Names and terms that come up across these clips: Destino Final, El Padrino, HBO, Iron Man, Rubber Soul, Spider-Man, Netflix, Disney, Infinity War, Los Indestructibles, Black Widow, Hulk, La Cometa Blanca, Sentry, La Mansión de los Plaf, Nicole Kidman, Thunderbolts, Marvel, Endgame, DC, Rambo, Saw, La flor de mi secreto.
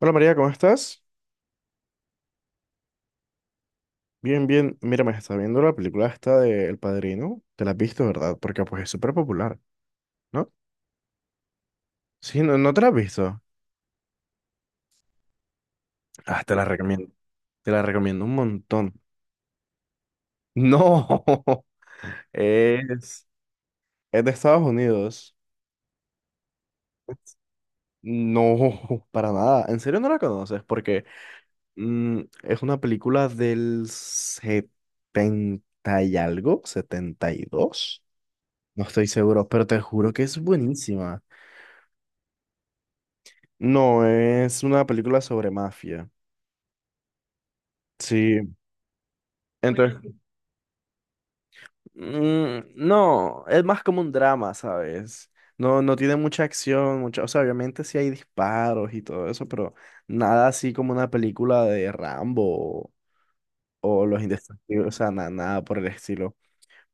Hola María, ¿cómo estás? Bien, bien. Mira, me está viendo la película esta de El Padrino. Te la has visto, ¿verdad? Porque pues es súper popular, ¿no? Sí, no, no te la has visto. Ah, te la recomiendo. Te la recomiendo un montón. No, es, es de Estados Unidos. No, para nada. ¿En serio no la conoces? Porque es una película del 70 y algo, 72. No estoy seguro, pero te juro que es buenísima. No, es una película sobre mafia. Sí, entonces, no, es más como un drama, ¿sabes? No, no tiene mucha acción, mucha, o sea, obviamente sí hay disparos y todo eso, pero nada así como una película de Rambo o, o Los Indestructibles, o sea, nada por el estilo.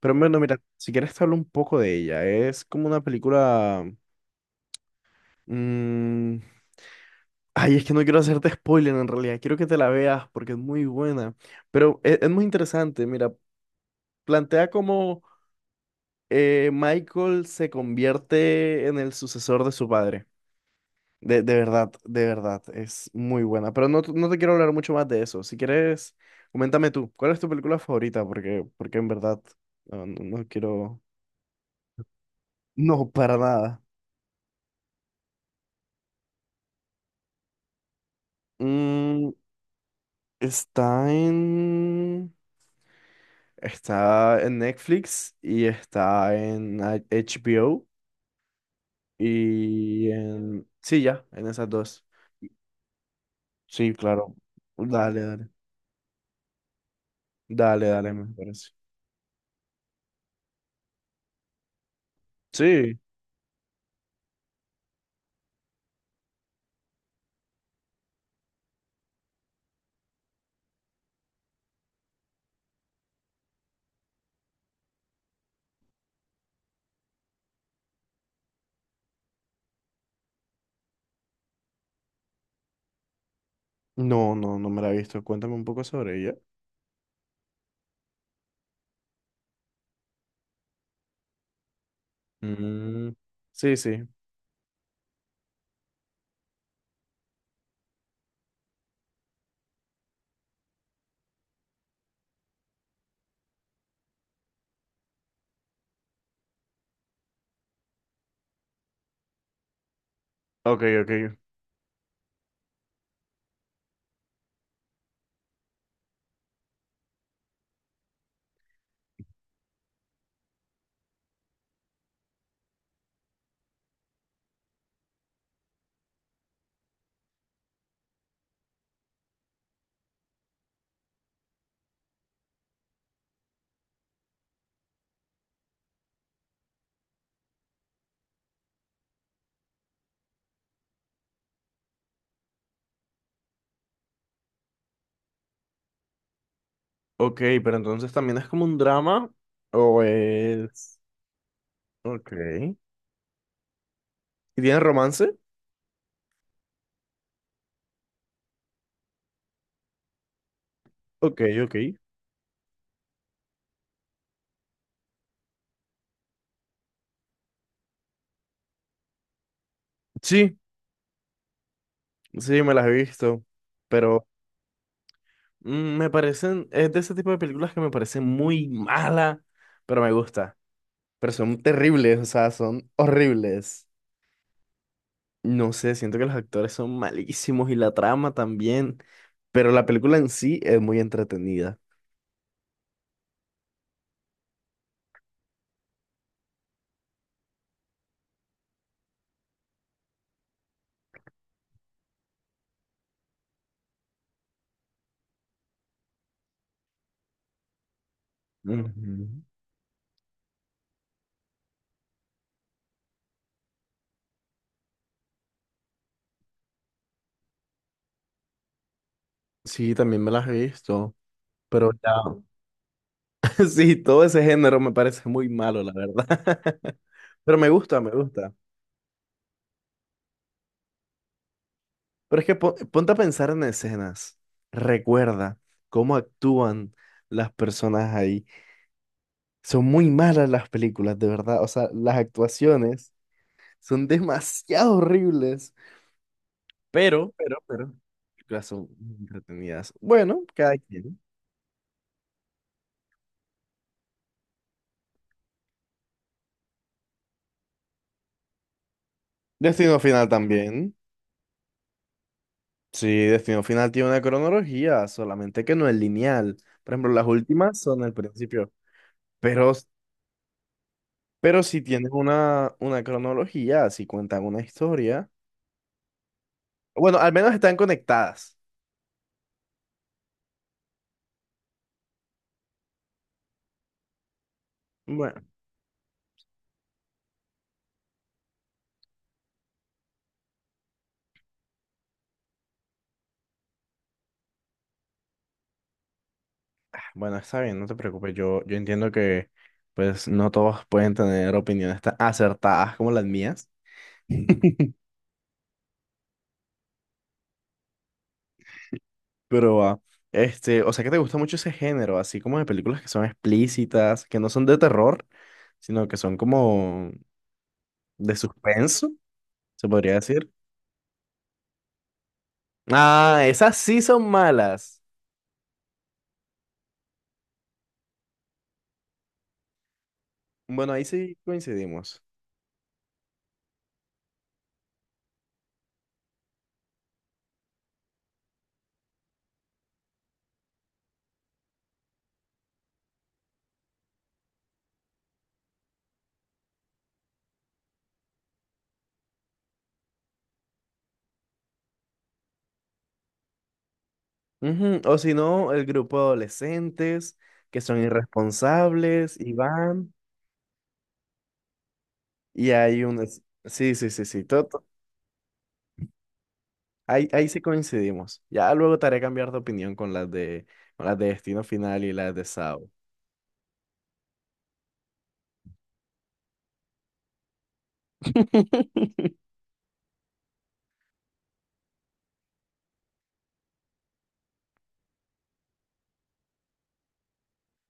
Pero bueno, mira, si quieres te hablo un poco de ella, es como una película... mm, ay, es que no quiero hacerte spoiler en realidad, quiero que te la veas porque es muy buena. Pero es, muy interesante, mira, plantea cómo Michael se convierte en el sucesor de su padre. De verdad, de verdad, es muy buena. Pero no, no te quiero hablar mucho más de eso. Si quieres, coméntame tú, ¿cuál es tu película favorita? Porque, porque en verdad, no, no quiero... No, para nada. Mm, está en... Está en Netflix y está en HBO y en... Sí, ya, en esas dos. Sí, claro. Dale, dale. Dale, dale, me parece. Sí. No, no, no me la he visto. Cuéntame un poco sobre ella. Mm, sí, sí. Ok, ok. Ok, pero entonces también es como un drama o es... Ok. ¿Y tiene romance? Ok, ok. Sí, sí, me las he visto. Pero me parecen... Es de ese tipo de películas que me parecen muy mala, pero me gusta. Pero son terribles, o sea, son horribles. No sé, siento que los actores son malísimos y la trama también, pero la película en sí es muy entretenida. Ujú. Sí, también me las he visto, pero ya, sí, todo ese género me parece muy malo, la verdad. Pero me gusta, me gusta. Pero es que ponte a pensar en escenas. Recuerda cómo actúan las personas ahí. Son muy malas las películas, de verdad. O sea, las actuaciones son demasiado horribles. Pero. Películas son entretenidas. Bueno, cada quien. Destino Final también. Sí, Destino Final tiene una cronología, solamente que no es lineal. Por ejemplo, las últimas son al principio. Pero, pero si tienes una cronología, si cuentan una historia. Bueno, al menos están conectadas. Bueno, bueno, está bien, no te preocupes. Yo entiendo que pues no todos pueden tener opiniones tan acertadas como las mías. Pero, ah, este, o sea que te gusta mucho ese género, así como de películas que son explícitas, que no son de terror, sino que son como de suspenso, se podría decir. Ah, esas sí son malas. Bueno, ahí sí coincidimos. Ujú, o si no, el grupo de adolescentes que son irresponsables y van, y hay un... Sí, sí, sí, sí, todo, ahí, ahí sí coincidimos. Ya luego te haré cambiar de opinión con las de Destino Final y las de Saw.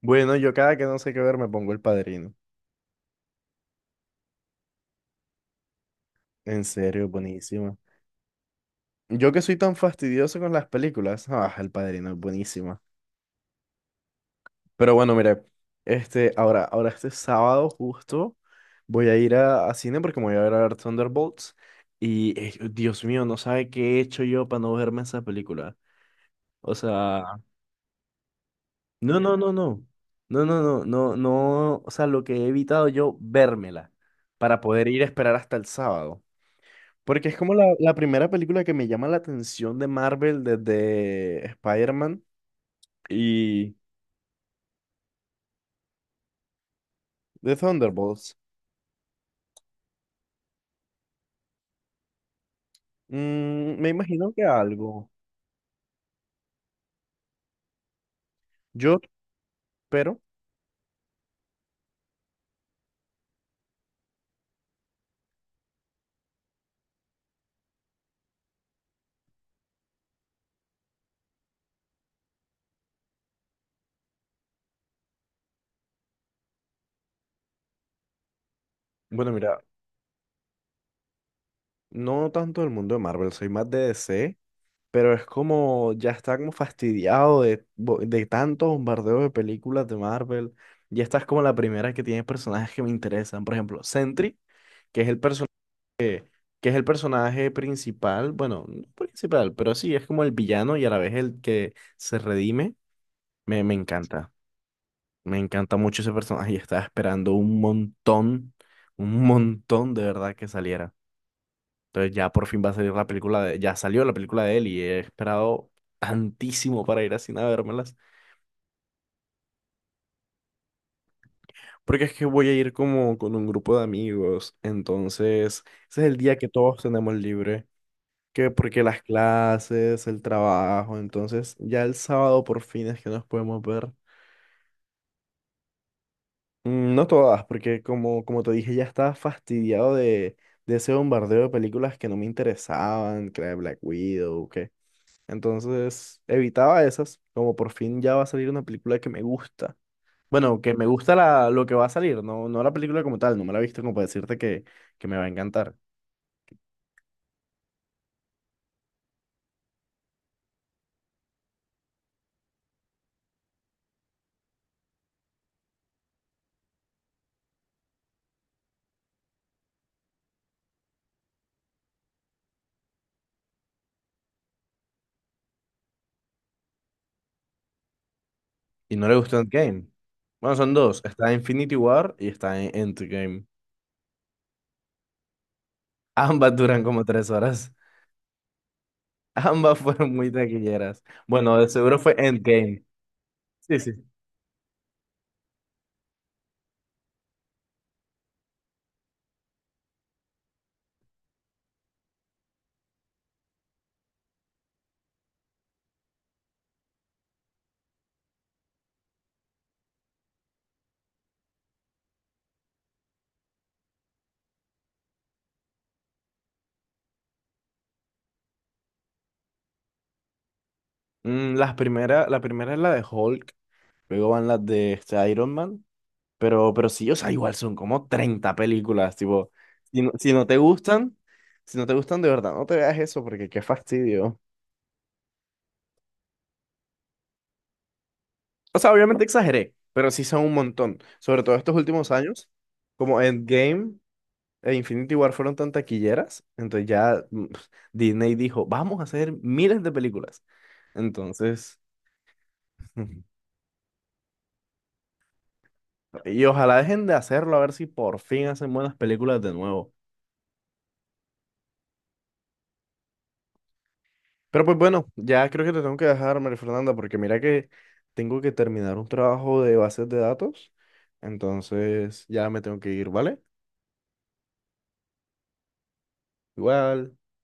Bueno, yo cada que no sé qué ver me pongo El Padrino. En serio, buenísima. Yo que soy tan fastidioso con las películas, ah, El Padrino es buenísima. Pero bueno, mire, este, ahora este sábado justo voy a ir a cine porque me voy a ver Thunderbolts y Dios mío, no sabe qué he hecho yo para no verme esa película. O sea, no, no, no, no. No, no, no, no, no, o sea, lo que he evitado yo, vérmela para poder ir a esperar hasta el sábado. Porque es como la primera película que me llama la atención de Marvel desde Spider-Man y de Thunderbolts. Me imagino que algo. Yo, pero, bueno, mira, no tanto del mundo de Marvel, soy más de DC, pero es como ya está como fastidiado de, de tantos bombardeos de películas de Marvel. Y esta es como la primera que tiene personajes que me interesan. Por ejemplo, Sentry, que es el personaje que es el personaje principal, bueno, no principal, pero sí, es como el villano y a la vez el que se redime. Me encanta, me encanta mucho ese personaje y estaba esperando un montón de verdad que saliera. Entonces ya por fin va a salir la película de, ya salió la película de él y he esperado tantísimo para ir así a vérmelas, porque es que voy a ir como con un grupo de amigos, entonces ese es el día que todos tenemos libre. Que porque las clases, el trabajo, entonces ya el sábado por fin es que nos podemos ver. No todas, porque como, como te dije, ya estaba fastidiado de ese bombardeo de películas que no me interesaban, que la de Black Widow, que... Entonces evitaba esas, como por fin ya va a salir una película que me gusta. Bueno, que me gusta la, lo que va a salir, no, no la película como tal, no me la he visto como para decirte que me va a encantar. Y no le gustó Endgame. Bueno, son dos, está Infinity War y está en Endgame. Ambas duran como 3 horas. Ambas fueron muy taquilleras. Bueno, de seguro fue Endgame. Sí, sí. Las primera, la primera es la de Hulk, luego van las de este, Iron Man, pero sí, o sea, igual son como 30 películas, tipo, si no, si no te gustan, si no te gustan de verdad, no te veas eso porque qué fastidio. O sea, obviamente exageré, pero sí son un montón, sobre todo estos últimos años, como Endgame e Infinity War fueron tan taquilleras, entonces ya Disney dijo, vamos a hacer miles de películas. Entonces, y ojalá dejen de hacerlo, a ver si por fin hacen buenas películas de nuevo. Pero pues bueno, ya creo que te tengo que dejar, María Fernanda, porque mira que tengo que terminar un trabajo de bases de datos. Entonces, ya me tengo que ir, ¿vale? Igual.